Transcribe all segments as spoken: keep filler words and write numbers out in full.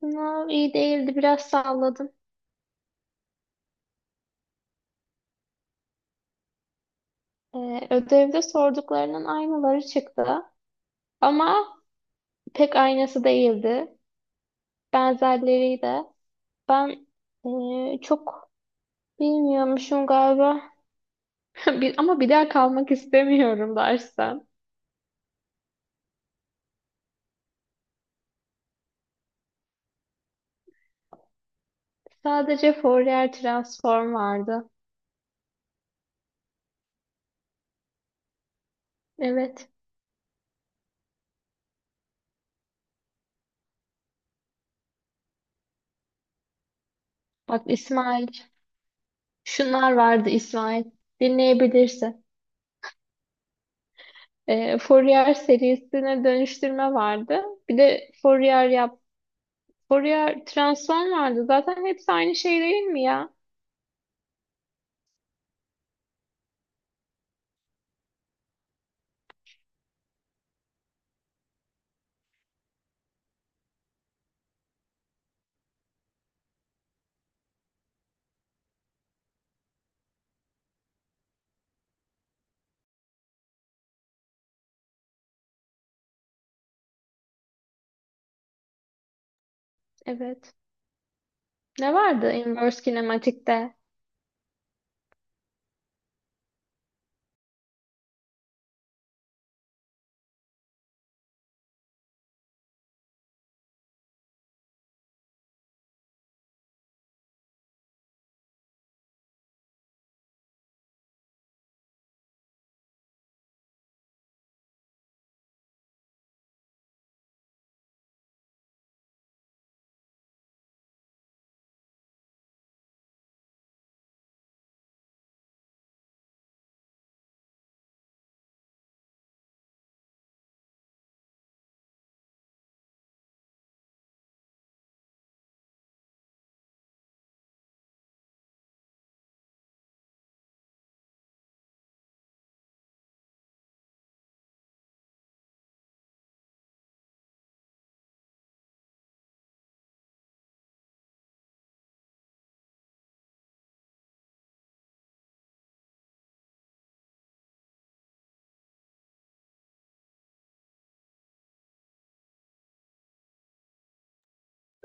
Sınav iyi değildi, biraz salladım. Ee, ödevde sorduklarının aynıları çıktı ama pek aynısı değildi. Benzerleriydi. Ben ee, çok bilmiyormuşum galiba. Bir- Ama bir daha kalmak istemiyorum dersten. Sadece Fourier transform vardı. Evet. Bak İsmail, şunlar vardı İsmail. Dinleyebilirsin. Ee, Fourier serisine dönüştürme vardı. Bir de Fourier yap Fourier transform vardı. Zaten hepsi aynı şey değil mi ya? Evet. Ne vardı inverse kinematikte?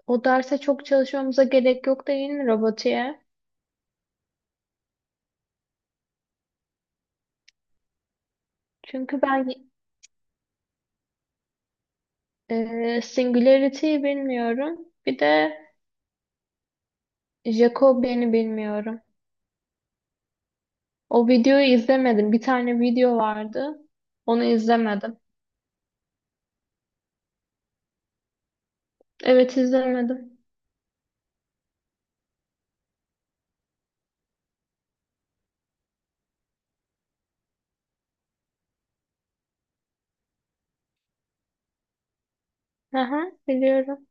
O derse çok çalışmamıza gerek yok değil mi robotiğe? Çünkü ben e, Singularity'yi bilmiyorum. Bir de Jacobian'i bilmiyorum. O videoyu izlemedim. Bir tane video vardı. Onu izlemedim. Evet izlemedim. Aha, biliyorum.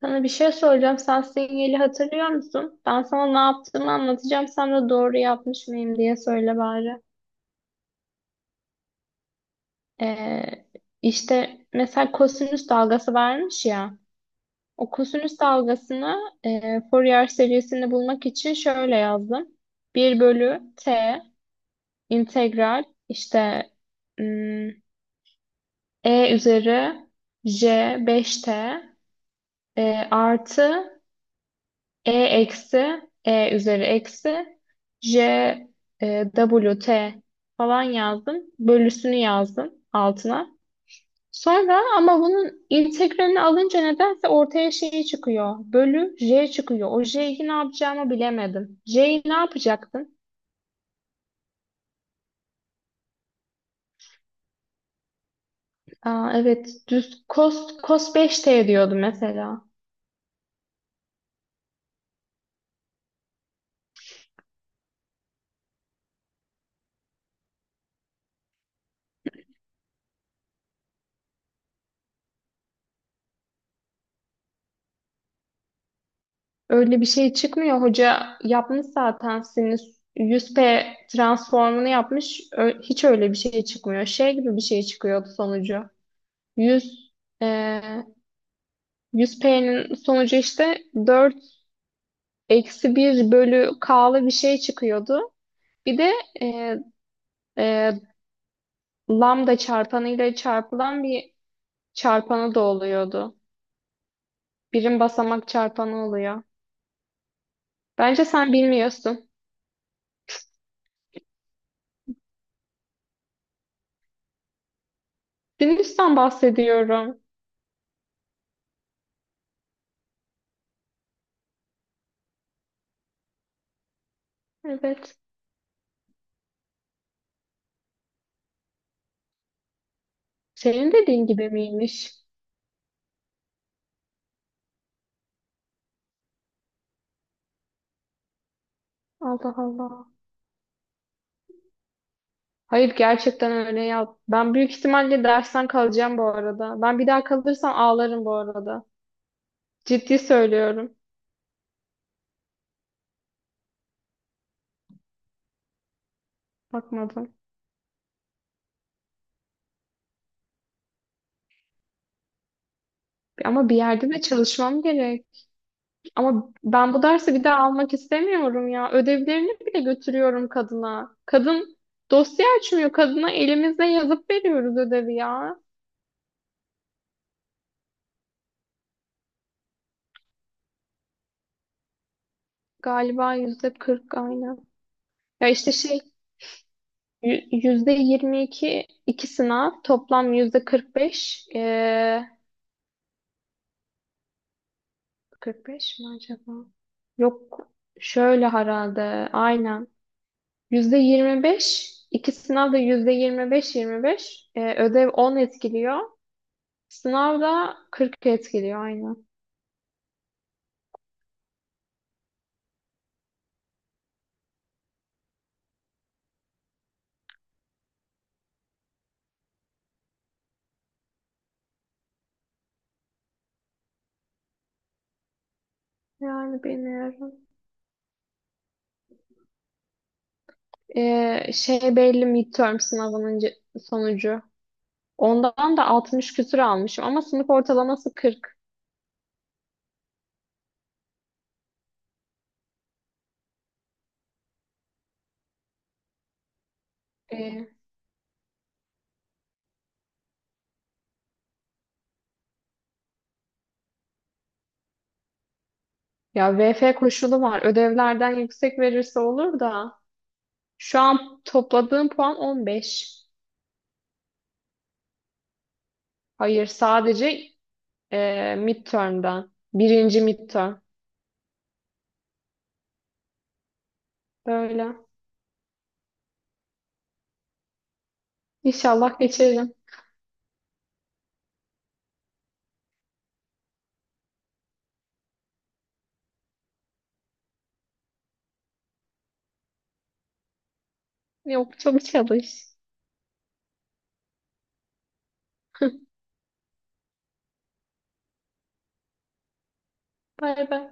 Sana bir şey soracağım. Sen sinyali hatırlıyor musun? Ben sana ne yaptığımı anlatacağım. Sen de doğru yapmış mıyım diye söyle bari. Ee, işte mesela kosinüs dalgası vermiş ya. O kosinüs dalgasını e, Fourier serisini bulmak için şöyle yazdım. bir bölü t integral işte ım, e üzeri j beş t e, artı E eksi E üzeri eksi J e, W T falan yazdım. Bölüsünü yazdım altına. Sonra ama bunun integralini alınca nedense ortaya şey çıkıyor. Bölü J çıkıyor. O J'yi ne yapacağımı bilemedim. J'yi ne yapacaktım? Aa, evet, düz cos, cos beş t diyordum mesela. Öyle bir şey çıkmıyor. Hoca yapmış zaten sinüs yüz p transformunu yapmış. Ö- hiç öyle bir şey çıkmıyor. Şey gibi bir şey çıkıyordu sonucu. Yüz e, yüz p'nin sonucu işte dört eksi bir bölü K'lı bir şey çıkıyordu. Bir de e, e, lambda çarpanıyla çarpılan bir çarpanı da oluyordu. Birim basamak çarpanı oluyor. Bence sen bilmiyorsun. Sinüsten bahsediyorum. Evet. Senin dediğin gibi miymiş? Allah Allah. Hayır, gerçekten öyle ya. Ben büyük ihtimalle dersten kalacağım bu arada. Ben bir daha kalırsam ağlarım bu arada. Ciddi söylüyorum. Bakmadım. Ama bir yerde de çalışmam gerek. Ama ben bu dersi bir daha almak istemiyorum ya. Ödevlerini bile götürüyorum kadına. Kadın dosya açmıyor. Kadına elimizle yazıp veriyoruz ödevi ya. Galiba yüzde kırk aynı. Ya işte şey. Yü- Yüzde yirmi iki, iki sınav, toplam yüzde kırk beş, eee kırk beş mi acaba? Yok, şöyle herhalde, aynen, yüzde yirmi beş iki sınav da yüzde yirmi beş, yirmi beş. Eee, ödev on etkiliyor, sınav da kırk etkiliyor aynen. Yani bilmiyorum. Eee, şey belli, midterm sınavının ce- sonucu. Ondan da altmış küsür almışım ama sınıf ortalaması kırk. Ee, Ya V F koşulu var. Ödevlerden yüksek verirse olur da. Şu an topladığım puan on beş. Hayır, sadece e, midterm'den. Birinci midterm. Böyle. İnşallah geçerim. Yok, çok çalış. Bay bay.